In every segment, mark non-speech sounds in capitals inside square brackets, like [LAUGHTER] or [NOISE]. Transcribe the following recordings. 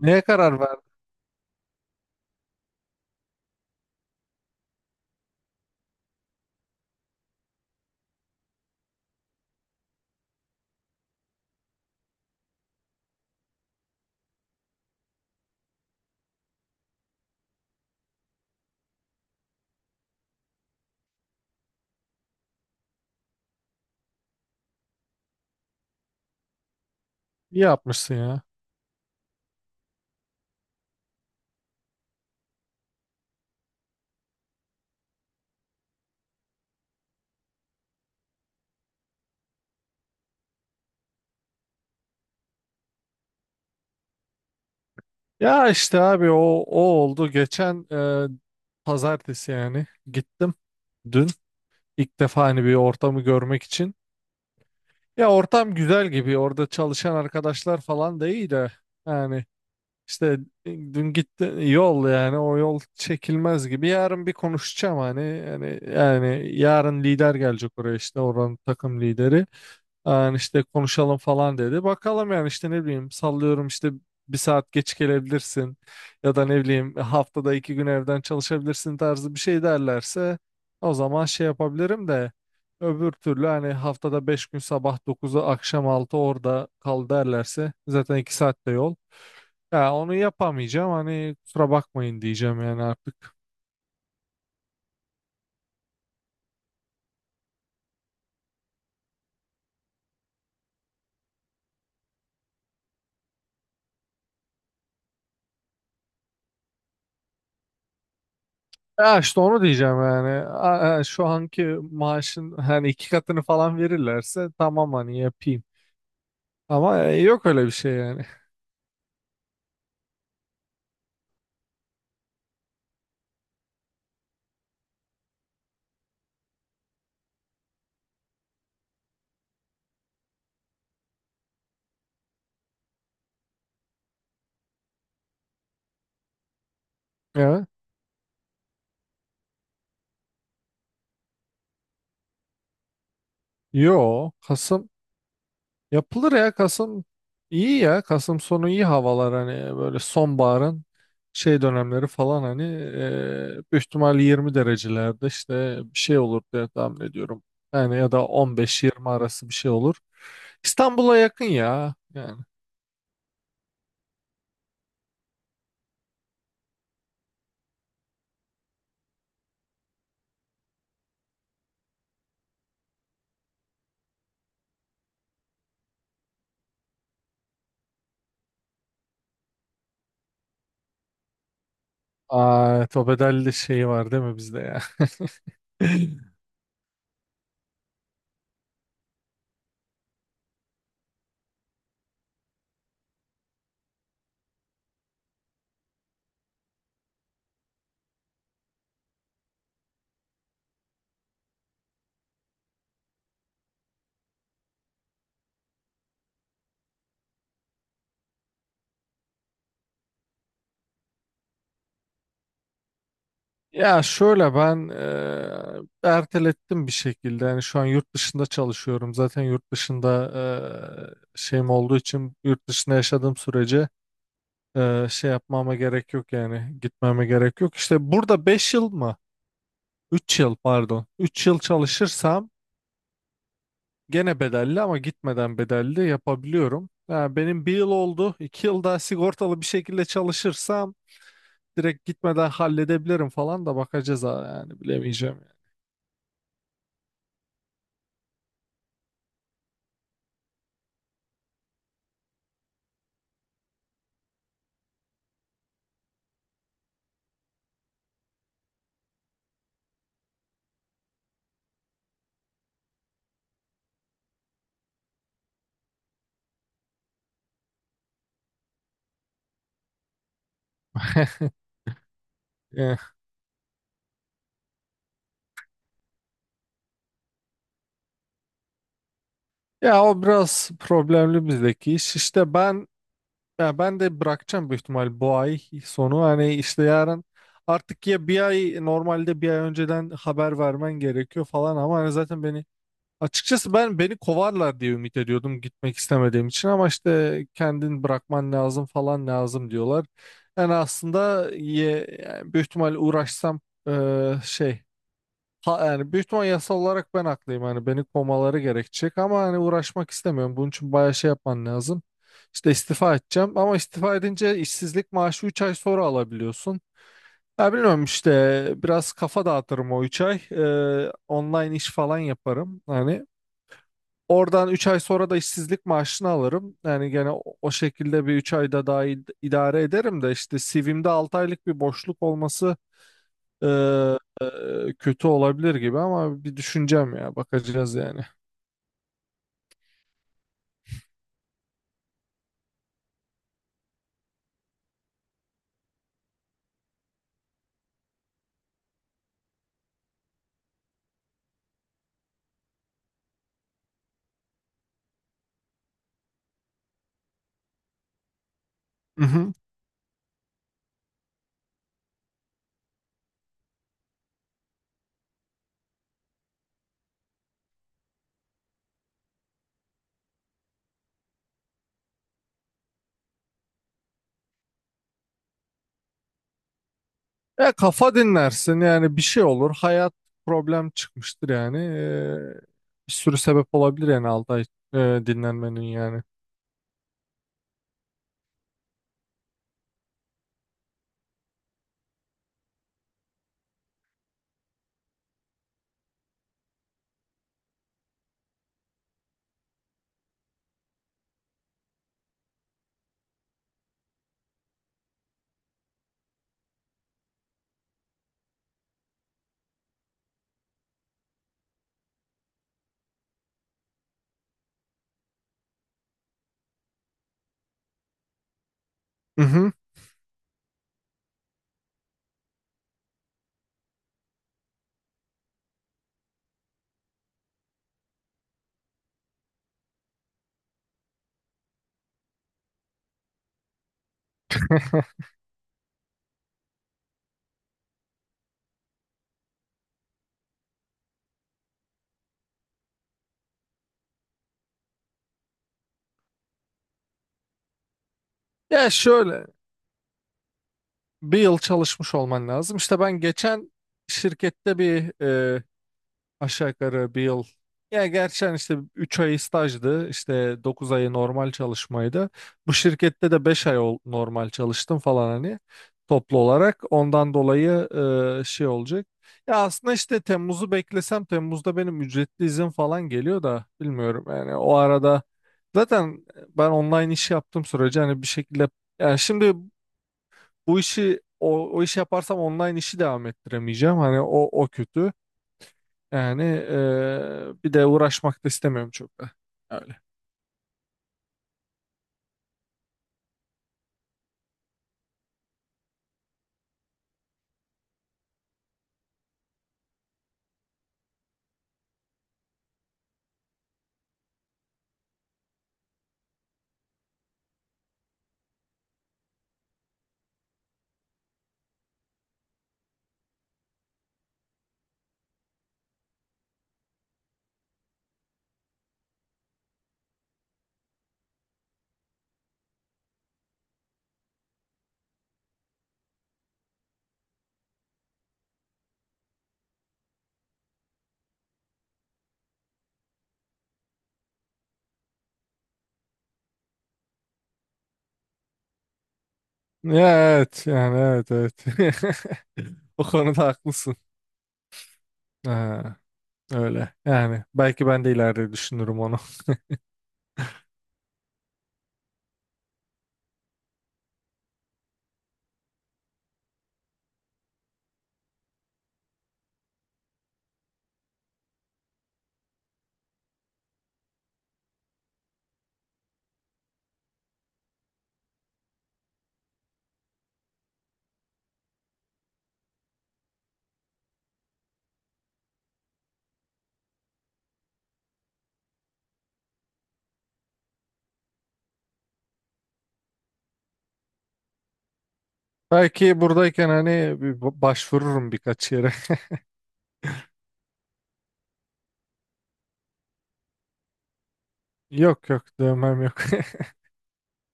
Neye karar verdin? İyi yapmışsın ya. Ya işte abi o oldu. Geçen e, pazartesi yani gittim dün. İlk defa hani bir ortamı görmek için. Ya ortam güzel gibi. Orada çalışan arkadaşlar falan da iyi de. Yani işte dün gitti yol, yani o yol çekilmez gibi. Yarın bir konuşacağım hani. Yani yarın lider gelecek oraya, işte oranın takım lideri. Yani işte konuşalım falan dedi. Bakalım yani, işte ne bileyim, sallıyorum, işte bir saat geç gelebilirsin ya da ne bileyim haftada iki gün evden çalışabilirsin tarzı bir şey derlerse o zaman şey yapabilirim de öbür türlü hani haftada beş gün sabah dokuzu akşam 6 orada kal derlerse zaten iki saat de yol. Ya onu yapamayacağım, hani kusura bakmayın diyeceğim yani artık. Ya işte onu diyeceğim yani. Şu anki maaşın hani iki katını falan verirlerse tamam, hani yapayım. Ama yok öyle bir şey yani. [LAUGHS] Ya. Yo, Kasım yapılır ya, Kasım iyi ya. Kasım sonu iyi havalar, hani böyle sonbaharın şey dönemleri falan hani, büyük ihtimal 20 derecelerde işte bir şey olur diye tahmin ediyorum. Yani ya da 15-20 arası bir şey olur. İstanbul'a yakın ya yani. Aa, Tobedelli şeyi var değil mi bizde ya? [LAUGHS] Ya şöyle, ben ertelettim bir şekilde. Yani şu an yurt dışında çalışıyorum. Zaten yurt dışında şeyim olduğu için yurt dışında yaşadığım sürece şey yapmama gerek yok, yani gitmeme gerek yok. İşte burada 5 yıl mı? Üç yıl pardon. Üç yıl çalışırsam gene bedelli ama gitmeden bedelli yapabiliyorum. Yani benim bir yıl oldu. İki yıl daha sigortalı bir şekilde çalışırsam direkt gitmeden halledebilirim falan da, bakacağız ha, yani bilemeyeceğim. [LAUGHS] Ya o biraz problemli bizdeki iş. İşte ben, ya ben de bırakacağım büyük ihtimal bu ay sonu. Hani işte yarın artık, ya bir ay normalde, bir ay önceden haber vermen gerekiyor falan ama hani zaten beni, açıkçası ben beni kovarlar diye ümit ediyordum gitmek istemediğim için, ama işte kendin bırakman lazım falan lazım diyorlar. Yani aslında yani büyük ihtimal uğraşsam şey. Ha, yani büyük ihtimal yasal olarak ben haklıyım. Hani beni kovmaları gerekecek ama hani uğraşmak istemiyorum. Bunun için bayağı şey yapman lazım. İşte istifa edeceğim ama istifa edince işsizlik maaşı 3 ay sonra alabiliyorsun. Ya bilmiyorum işte, biraz kafa dağıtırım o 3 ay. Online iş falan yaparım. Hani oradan 3 ay sonra da işsizlik maaşını alırım. Yani gene o şekilde bir 3 ayda daha idare ederim de işte CV'mde 6 aylık bir boşluk olması e, kötü olabilir gibi, ama bir düşüneceğim ya, bakacağız yani. Hı hı. Ya kafa dinlersin yani, bir şey olur, hayat problem çıkmıştır yani. Bir sürü sebep olabilir yani 6 ay e, dinlenmenin yani. Hı hı. [LAUGHS] Ya şöyle, bir yıl çalışmış olman lazım. İşte ben geçen şirkette bir aşağı yukarı bir yıl. Ya gerçi hani işte 3 ay stajdı. İşte 9 ayı normal çalışmaydı. Bu şirkette de 5 ay normal çalıştım falan, hani toplu olarak. Ondan dolayı şey olacak. Ya aslında işte Temmuz'u beklesem, Temmuz'da benim ücretli izin falan geliyor da, bilmiyorum yani, o arada zaten ben online iş yaptığım sürece hani bir şekilde, yani şimdi bu işi, o işi yaparsam online işi devam ettiremeyeceğim. Hani o kötü. Yani bir de uğraşmak da istemiyorum çok da. Öyle. Ya, evet yani, evet evet. [LAUGHS] O konuda haklısın. Ha, öyle yani, belki ben de ileride düşünürüm onu. [LAUGHS] Belki buradayken hani bir başvururum birkaç yere. [LAUGHS] Yok yok, dövmem yok.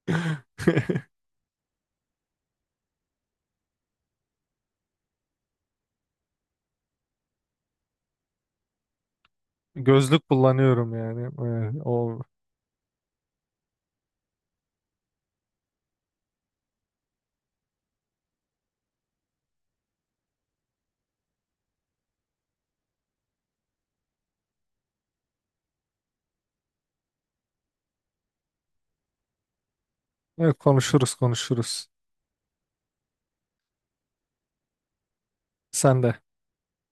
[LAUGHS] Gözlük kullanıyorum yani. O Evet, konuşuruz konuşuruz. Sen de.